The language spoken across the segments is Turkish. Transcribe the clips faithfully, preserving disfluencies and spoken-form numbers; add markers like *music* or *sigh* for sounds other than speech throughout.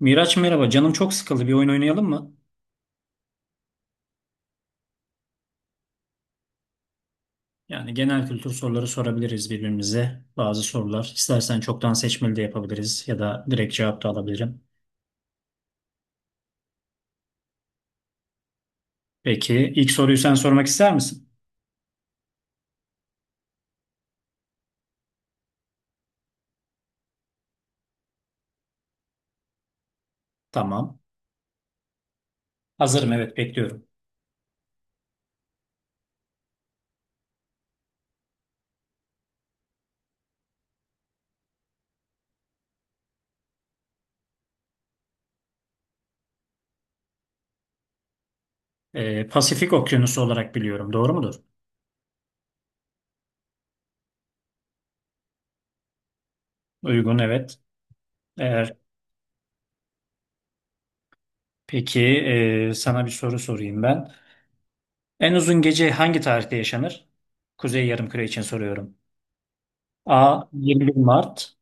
Miraç merhaba, canım çok sıkıldı. Bir oyun oynayalım mı? Yani genel kültür soruları sorabiliriz birbirimize. Bazı sorular. İstersen çoktan seçmeli de yapabiliriz ya da direkt cevap da alabilirim. Peki ilk soruyu sen sormak ister misin? Tamam. Hazırım, evet, bekliyorum. Ee, Pasifik Okyanusu olarak biliyorum. Doğru mudur? Uygun, evet. Eğer peki e, sana bir soru sorayım ben. En uzun gece hangi tarihte yaşanır? Kuzey Yarımküre için soruyorum. A. yirmi bir Mart,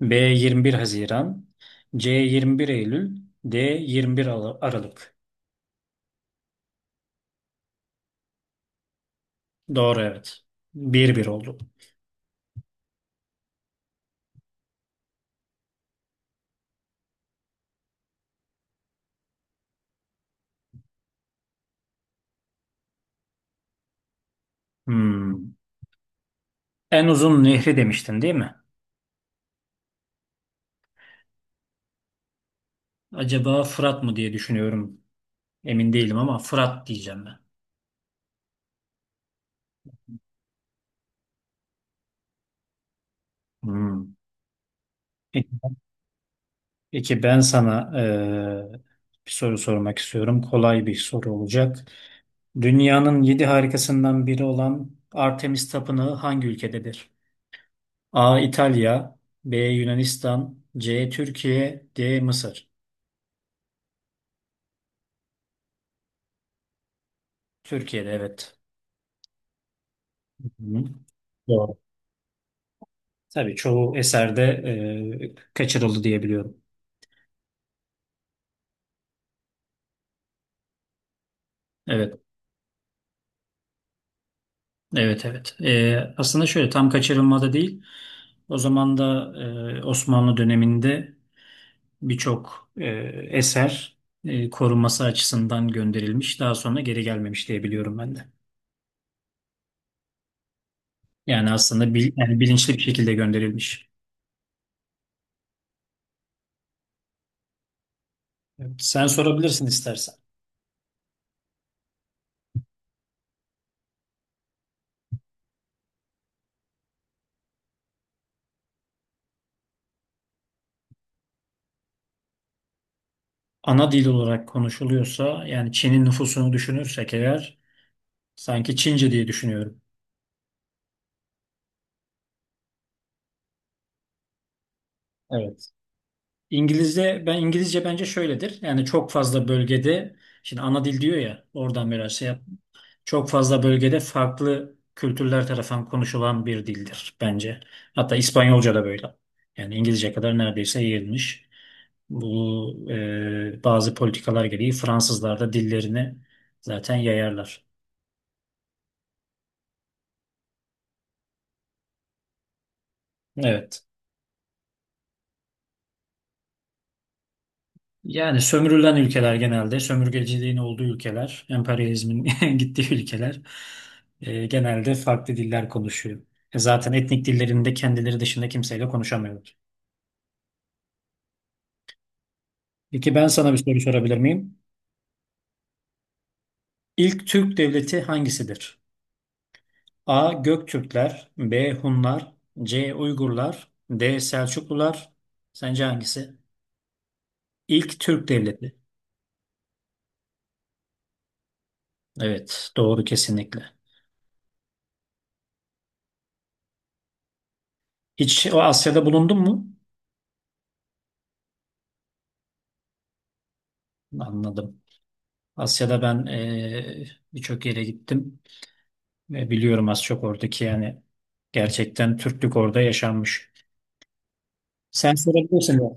B. yirmi bir Haziran, C. yirmi bir Eylül, D. yirmi bir Al- Aralık. Doğru, evet. bir bir oldu. Hmm. En uzun nehri demiştin değil mi? Acaba Fırat mı diye düşünüyorum. Emin değilim ama Fırat diyeceğim ben. Hmm. Peki peki ben sana eee, bir soru sormak istiyorum. Kolay bir soru olacak. Dünyanın yedi harikasından biri olan Artemis Tapınağı hangi ülkededir? A. İtalya, B. Yunanistan, C. Türkiye, D. Mısır. Türkiye'de, evet. Hı. Doğru. Tabii çoğu eserde e, kaçırıldı diyebiliyorum. Evet, evet, evet. E, aslında şöyle, tam kaçırılmada değil. O zaman da e, Osmanlı döneminde birçok e, eser e, korunması açısından gönderilmiş. Daha sonra geri gelmemiş diyebiliyorum ben de. Yani aslında bil- yani bilinçli bir şekilde gönderilmiş. Evet, sen sorabilirsin istersen. Ana dil olarak konuşuluyorsa, yani Çin'in nüfusunu düşünürsek eğer, sanki Çince diye düşünüyorum. Evet. İngilizce ben İngilizce bence şöyledir. Yani çok fazla bölgede, şimdi ana dil diyor ya, oradan biraz şey yap. Çok fazla bölgede farklı kültürler tarafından konuşulan bir dildir bence. Hatta İspanyolca da böyle. Yani İngilizce kadar neredeyse yayılmış. Bu e, bazı politikalar gereği Fransızlar da dillerini zaten yayarlar. Evet. Yani sömürülen ülkeler genelde, sömürgeciliğin olduğu ülkeler, emperyalizmin *laughs* gittiği ülkeler e, genelde farklı diller konuşuyor. E, zaten etnik dillerinde kendileri dışında kimseyle konuşamıyorlar. Peki ben sana bir soru sorabilir miyim? İlk Türk devleti hangisidir? A. Göktürkler, B. Hunlar, C. Uygurlar, D. Selçuklular. Sence hangisi? İlk Türk devleti. Evet, doğru kesinlikle. Hiç o Asya'da bulundun mu? Anladım. Asya'da ben eee, birçok yere gittim ve biliyorum az çok oradaki, yani gerçekten Türklük orada yaşanmış. Sen sorabilirsin ya.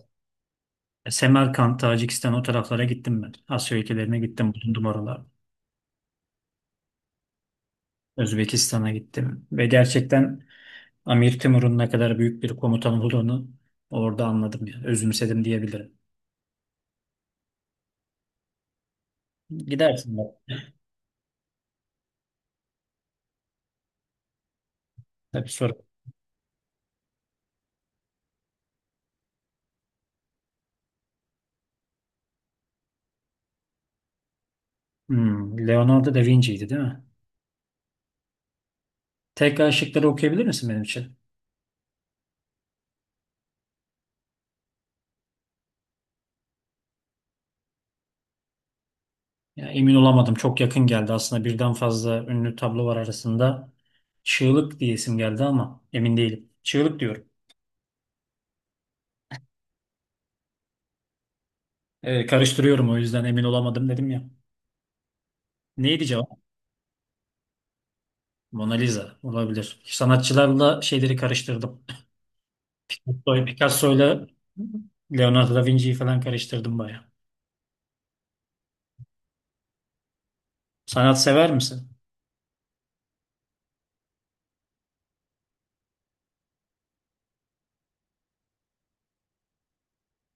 Semerkant, Tacikistan, o taraflara gittim ben. Asya ülkelerine gittim, bulundum oralarda. Özbekistan'a gittim ve gerçekten Amir Timur'un ne kadar büyük bir komutan olduğunu orada anladım yani. Özümsedim diyebilirim. Gidersin bak. Tabii, soru. Hmm, Leonardo da Vinci'ydi değil mi? Tekrar şıkları okuyabilir misin benim için? Ya emin olamadım. Çok yakın geldi. Aslında birden fazla ünlü tablo var arasında. Çığlık diye isim geldi ama emin değilim. Çığlık diyorum. Ee, karıştırıyorum, o yüzden emin olamadım dedim ya. Neydi cevap? Mona Lisa olabilir. Sanatçılarla şeyleri karıştırdım. *laughs* Böyle Picasso'yla Leonardo da Vinci'yi falan karıştırdım bayağı. Sanat sever misin?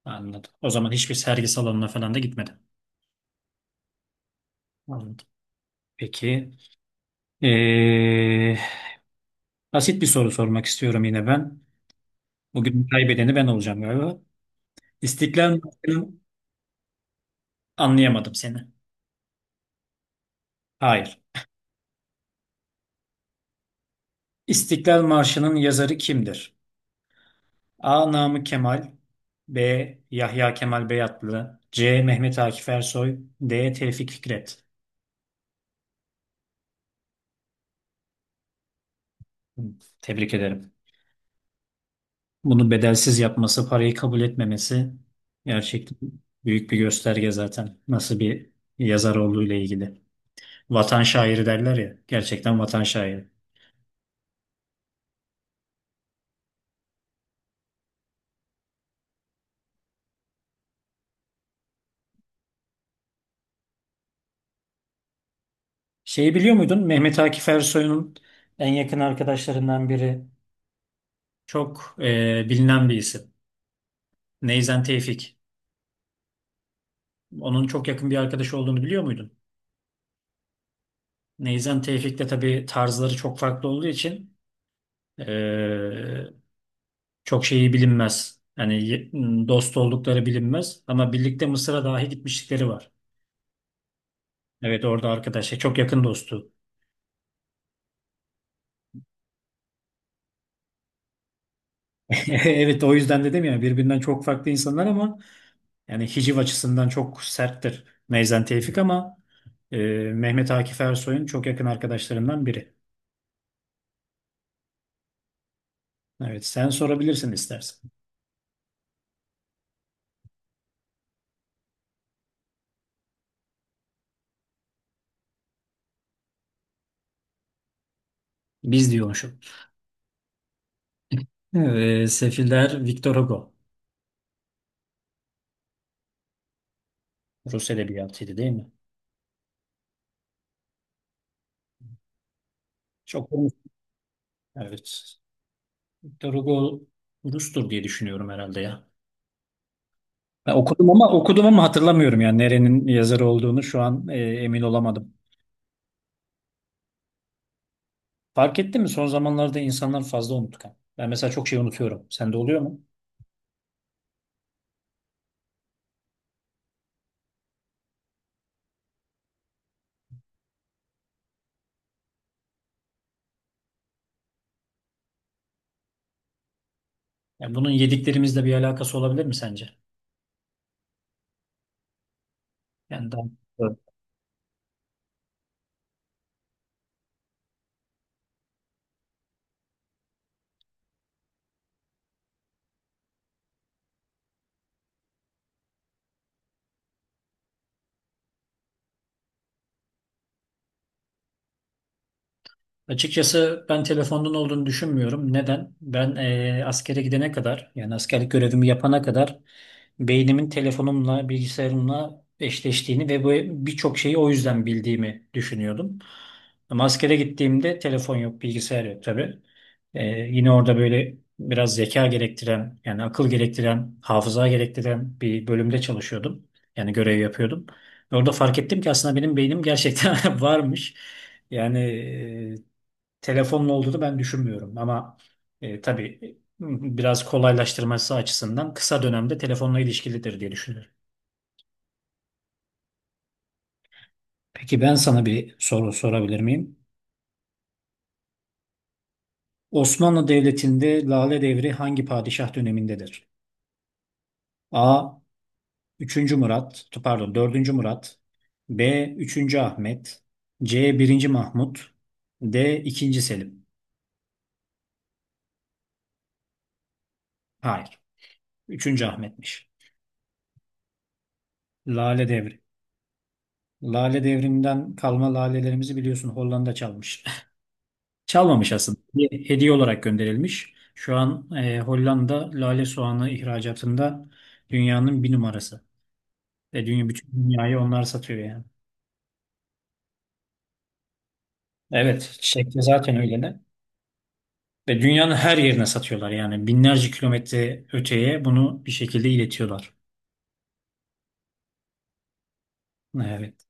Anladım. O zaman hiçbir sergi salonuna falan da gitmedim. Anladım. Peki. Ee, basit bir soru sormak istiyorum yine ben. Bugün kaybedeni ben olacağım galiba. İstiklal Marşı'nın anlayamadım seni. Hayır. İstiklal Marşı'nın yazarı kimdir? A. Namık Kemal, B. Yahya Kemal Beyatlı, C. Mehmet Akif Ersoy, D. Tevfik Fikret. Hı, tebrik ederim. Bunu bedelsiz yapması, parayı kabul etmemesi gerçekten büyük bir gösterge zaten nasıl bir yazar olduğu ile ilgili. Vatan şairi derler ya. Gerçekten vatan şairi. Şeyi biliyor muydun? Mehmet Akif Ersoy'un en yakın arkadaşlarından biri, çok e, bilinen bir isim, Neyzen Tevfik. Onun çok yakın bir arkadaşı olduğunu biliyor muydun? Neyzen Tevfik de tabii tarzları çok farklı olduğu için e, çok şeyi bilinmez. Yani ye- dost oldukları bilinmez ama birlikte Mısır'a dahi gitmişlikleri var. Evet, orada arkadaş, şey, çok yakın dostu. *laughs* Evet, o yüzden dedim ya, birbirinden çok farklı insanlar ama yani hiciv açısından çok serttir Neyzen Tevfik, ama e, Mehmet Akif Ersoy'un çok yakın arkadaşlarından biri. Evet, sen sorabilirsin istersen. Biz diyormuşum. Evet, Sefiller Victor Hugo. Rus edebiyatıydı değil mi? Çok olmuş. Evet. Victor Hugo Rus'tur diye düşünüyorum herhalde ya. Ben okudum ama okudum ama hatırlamıyorum, yani nerenin yazarı olduğunu şu an e, emin olamadım. Fark ettin mi? Son zamanlarda insanlar fazla unutkan. Ben mesela çok şey unutuyorum. Sende oluyor mu? Yani bunun yediklerimizle bir alakası olabilir mi sence? Yani daha... Açıkçası ben telefondan olduğunu düşünmüyorum. Neden? Ben eee askere gidene kadar, yani askerlik görevimi yapana kadar beynimin telefonumla, bilgisayarımla eşleştiğini ve bu birçok şeyi o yüzden bildiğimi düşünüyordum. Ama askere gittiğimde telefon yok, bilgisayar yok tabii. Eee, yine orada böyle biraz zeka gerektiren, yani akıl gerektiren, hafıza gerektiren bir bölümde çalışıyordum. Yani görev yapıyordum. Orada fark ettim ki aslında benim beynim gerçekten *laughs* varmış. Yani e, telefonla olduğunu ben düşünmüyorum ama e, tabii biraz kolaylaştırması açısından kısa dönemde telefonla ilişkilidir diye düşünüyorum. Peki ben sana bir soru sorabilir miyim? Osmanlı Devleti'nde Lale Devri hangi padişah dönemindedir? A. üçüncü Murat, pardon dördüncü Murat, B. üçüncü Ahmet, C. birinci Mahmut, D. ikinci Selim. Hayır, üçüncü Ahmet'miş. Lale Devri. Lale Devri'nden kalma lalelerimizi biliyorsun, Hollanda çalmış. Çalmamış aslında. Bir hediye olarak gönderilmiş. Şu an e, Hollanda lale soğanı ihracatında dünyanın bir numarası. Ve dünya, bütün dünyayı onlar satıyor yani. Evet, çiçek de zaten öyle de. Ve dünyanın her yerine satıyorlar yani. Binlerce kilometre öteye bunu bir şekilde iletiyorlar. Evet.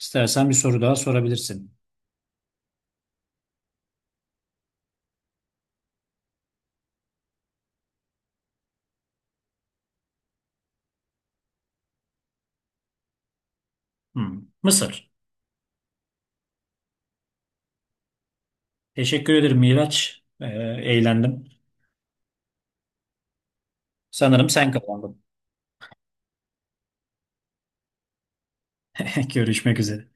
İstersen bir soru daha sorabilirsin. Hmm. Mısır. Teşekkür ederim Miraç. E, eğlendim. Sanırım sen kazandın. *laughs* Görüşmek üzere.